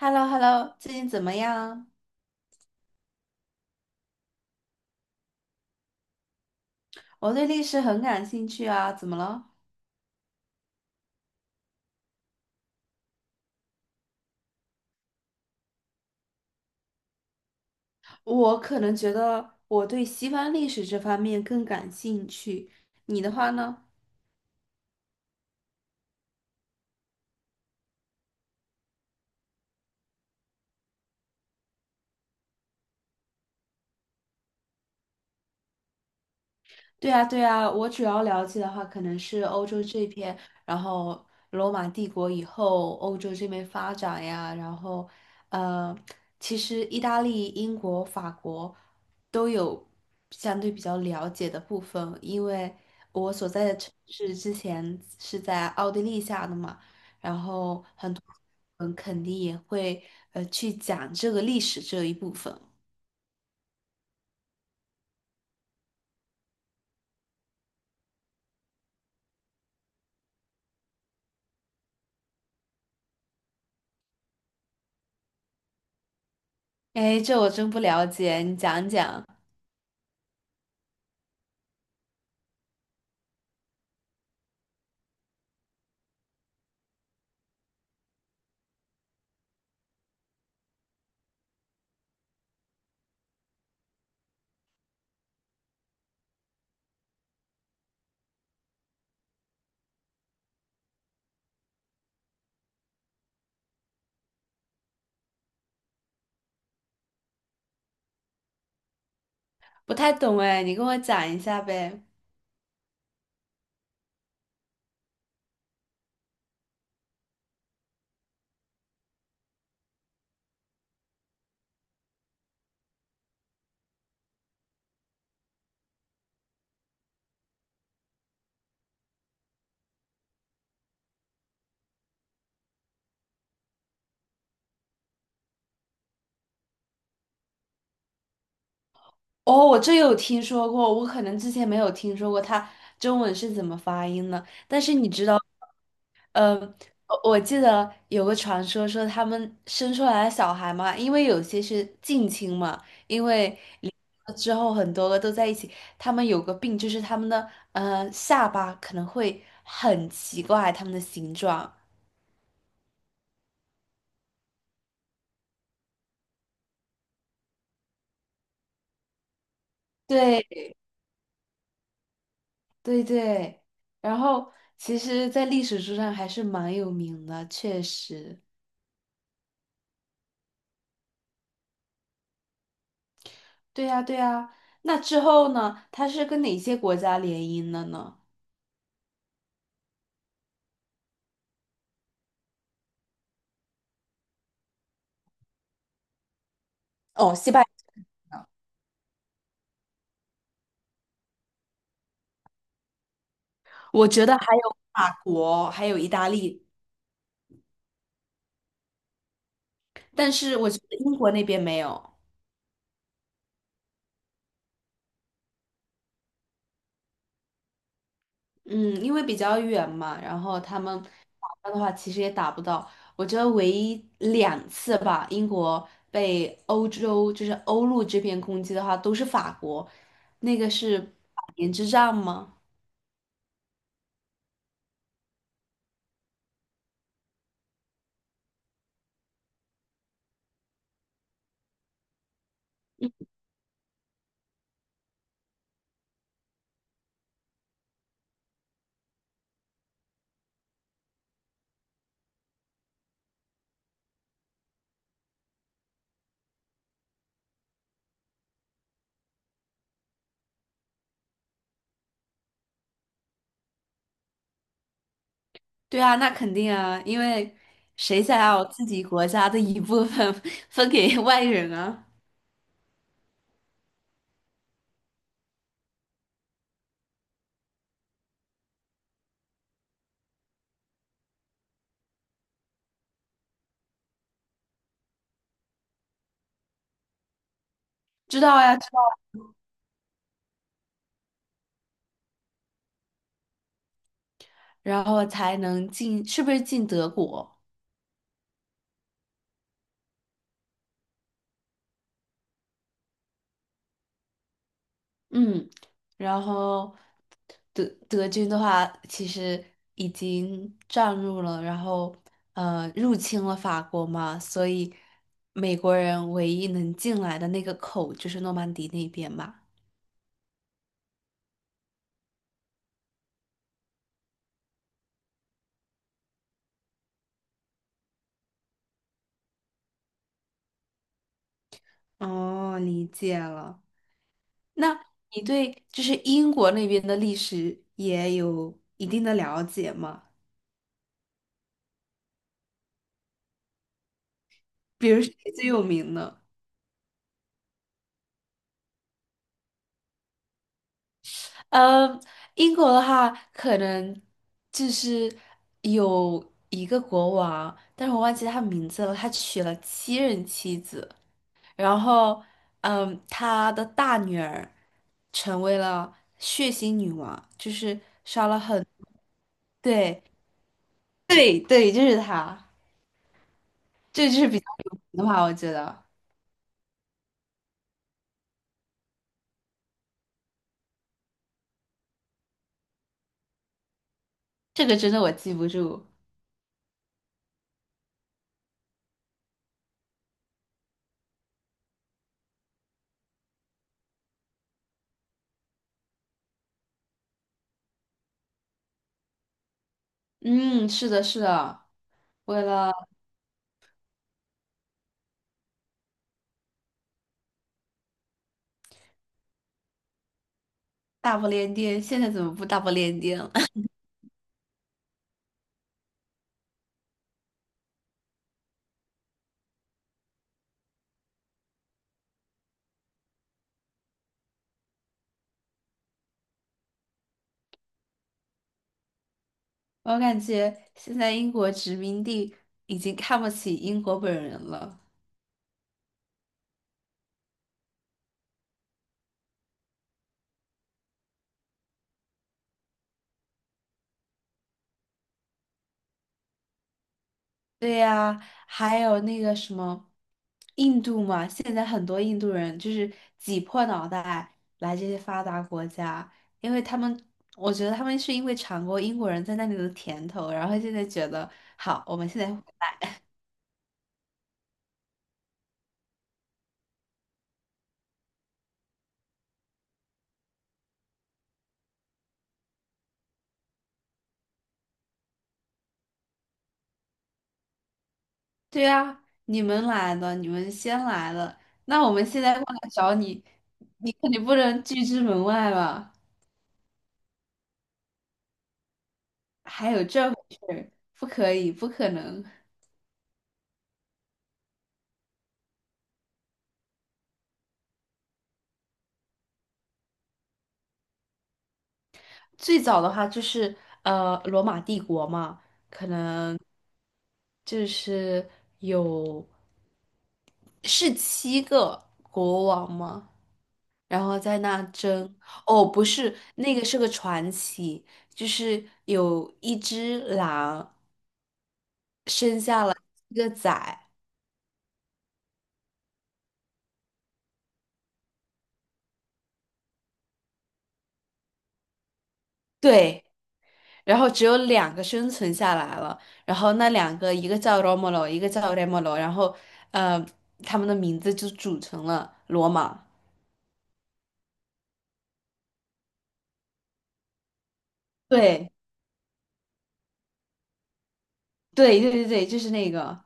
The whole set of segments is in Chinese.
h e l l o h e l l o 最近怎么样？我对历史很感兴趣啊，怎么了？我可能觉得我对西方历史这方面更感兴趣，你的话呢？对啊，对啊，我主要了解的话，可能是欧洲这边，然后罗马帝国以后欧洲这边发展呀，然后呃，其实意大利、英国、法国都有相对比较了解的部分，因为我所在的城市之前是在奥地利下的嘛，然后很多人肯定也会去讲这个历史这一部分。哎，这我真不了解，你讲讲。不太懂哎，你跟我讲一下呗。哦，我这有听说过，我可能之前没有听说过它中文是怎么发音的。但是你知道，呃，我记得有个传说说他们生出来的小孩嘛，因为有些是近亲嘛，因为离了之后很多个都在一起，他们有个病就是他们的下巴可能会很奇怪，他们的形状。对，对对，然后其实，在历史书上还是蛮有名的，确实。对呀，对呀。那之后呢？它是跟哪些国家联姻的呢？哦，西班牙，我觉得还有法国，还有意大利，但是我觉得英国那边没有。嗯，因为比较远嘛，然后他们打的话，其实也打不到。我觉得唯一两次吧，英国被欧洲就是欧陆这边攻击的话，都是法国，那个是百年之战吗？对啊，那肯定啊，因为谁想要自己国家的一部分 分给外人啊？知道呀，知道，然后才能进，是不是进德国？嗯，然后德军的话，其实已经占入了，然后入侵了法国嘛，所以美国人唯一能进来的那个口就是诺曼底那边嘛。哦，理解了。那你对就是英国那边的历史也有一定的了解吗？比如谁最有名呢？嗯，英国的话，可能就是有一个国王，但是我忘记他名字了。他娶了七任妻子，然后，嗯，他的大女儿成为了血腥女王，就是杀了很，对，对，对，就是他，这就是比较有名的话。我觉得这个真的我记不住。嗯，是的，是的，为了大不列颠，现在怎么不大不列颠了？我感觉现在英国殖民地已经看不起英国本人了。对呀，还有那个什么印度嘛，现在很多印度人就是挤破脑袋来这些发达国家，因为他们，我觉得他们是因为尝过英国人在那里的甜头，然后现在觉得好，我们现在，对呀，你们来了，你们先来了，那我们现在过来找你，你肯定不能拒之门外吧？还有这回事儿不可以，不可能。最早的话就是罗马帝国嘛，就是有是七个国王嘛，然后在那争。哦，不是，那个是个传奇，就是有一只狼生下了一个崽，对。然后只有两个生存下来了，然后那两个一个叫 Romolo，一个叫 Remolo，然后呃，他们的名字就组成了罗马。对，对，对，对，对，就是那个，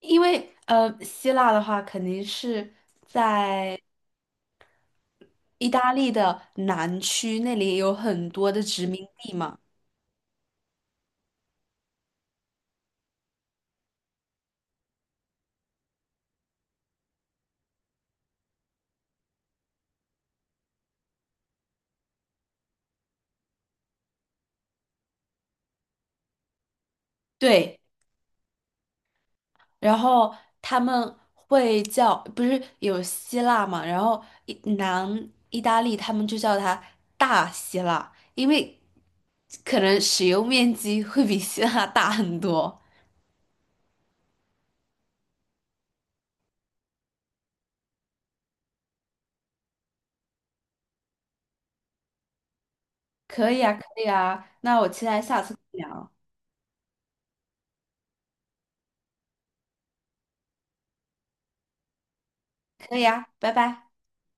因为希腊的话肯定是在意大利的南区，那里有很多的殖民地嘛。对，然后他们会叫，不是有希腊嘛，然后南意大利他们就叫它大希腊，因为可能使用面积会比希腊大很多。可以啊，可以啊，那我期待下次再聊。可以啊，拜拜。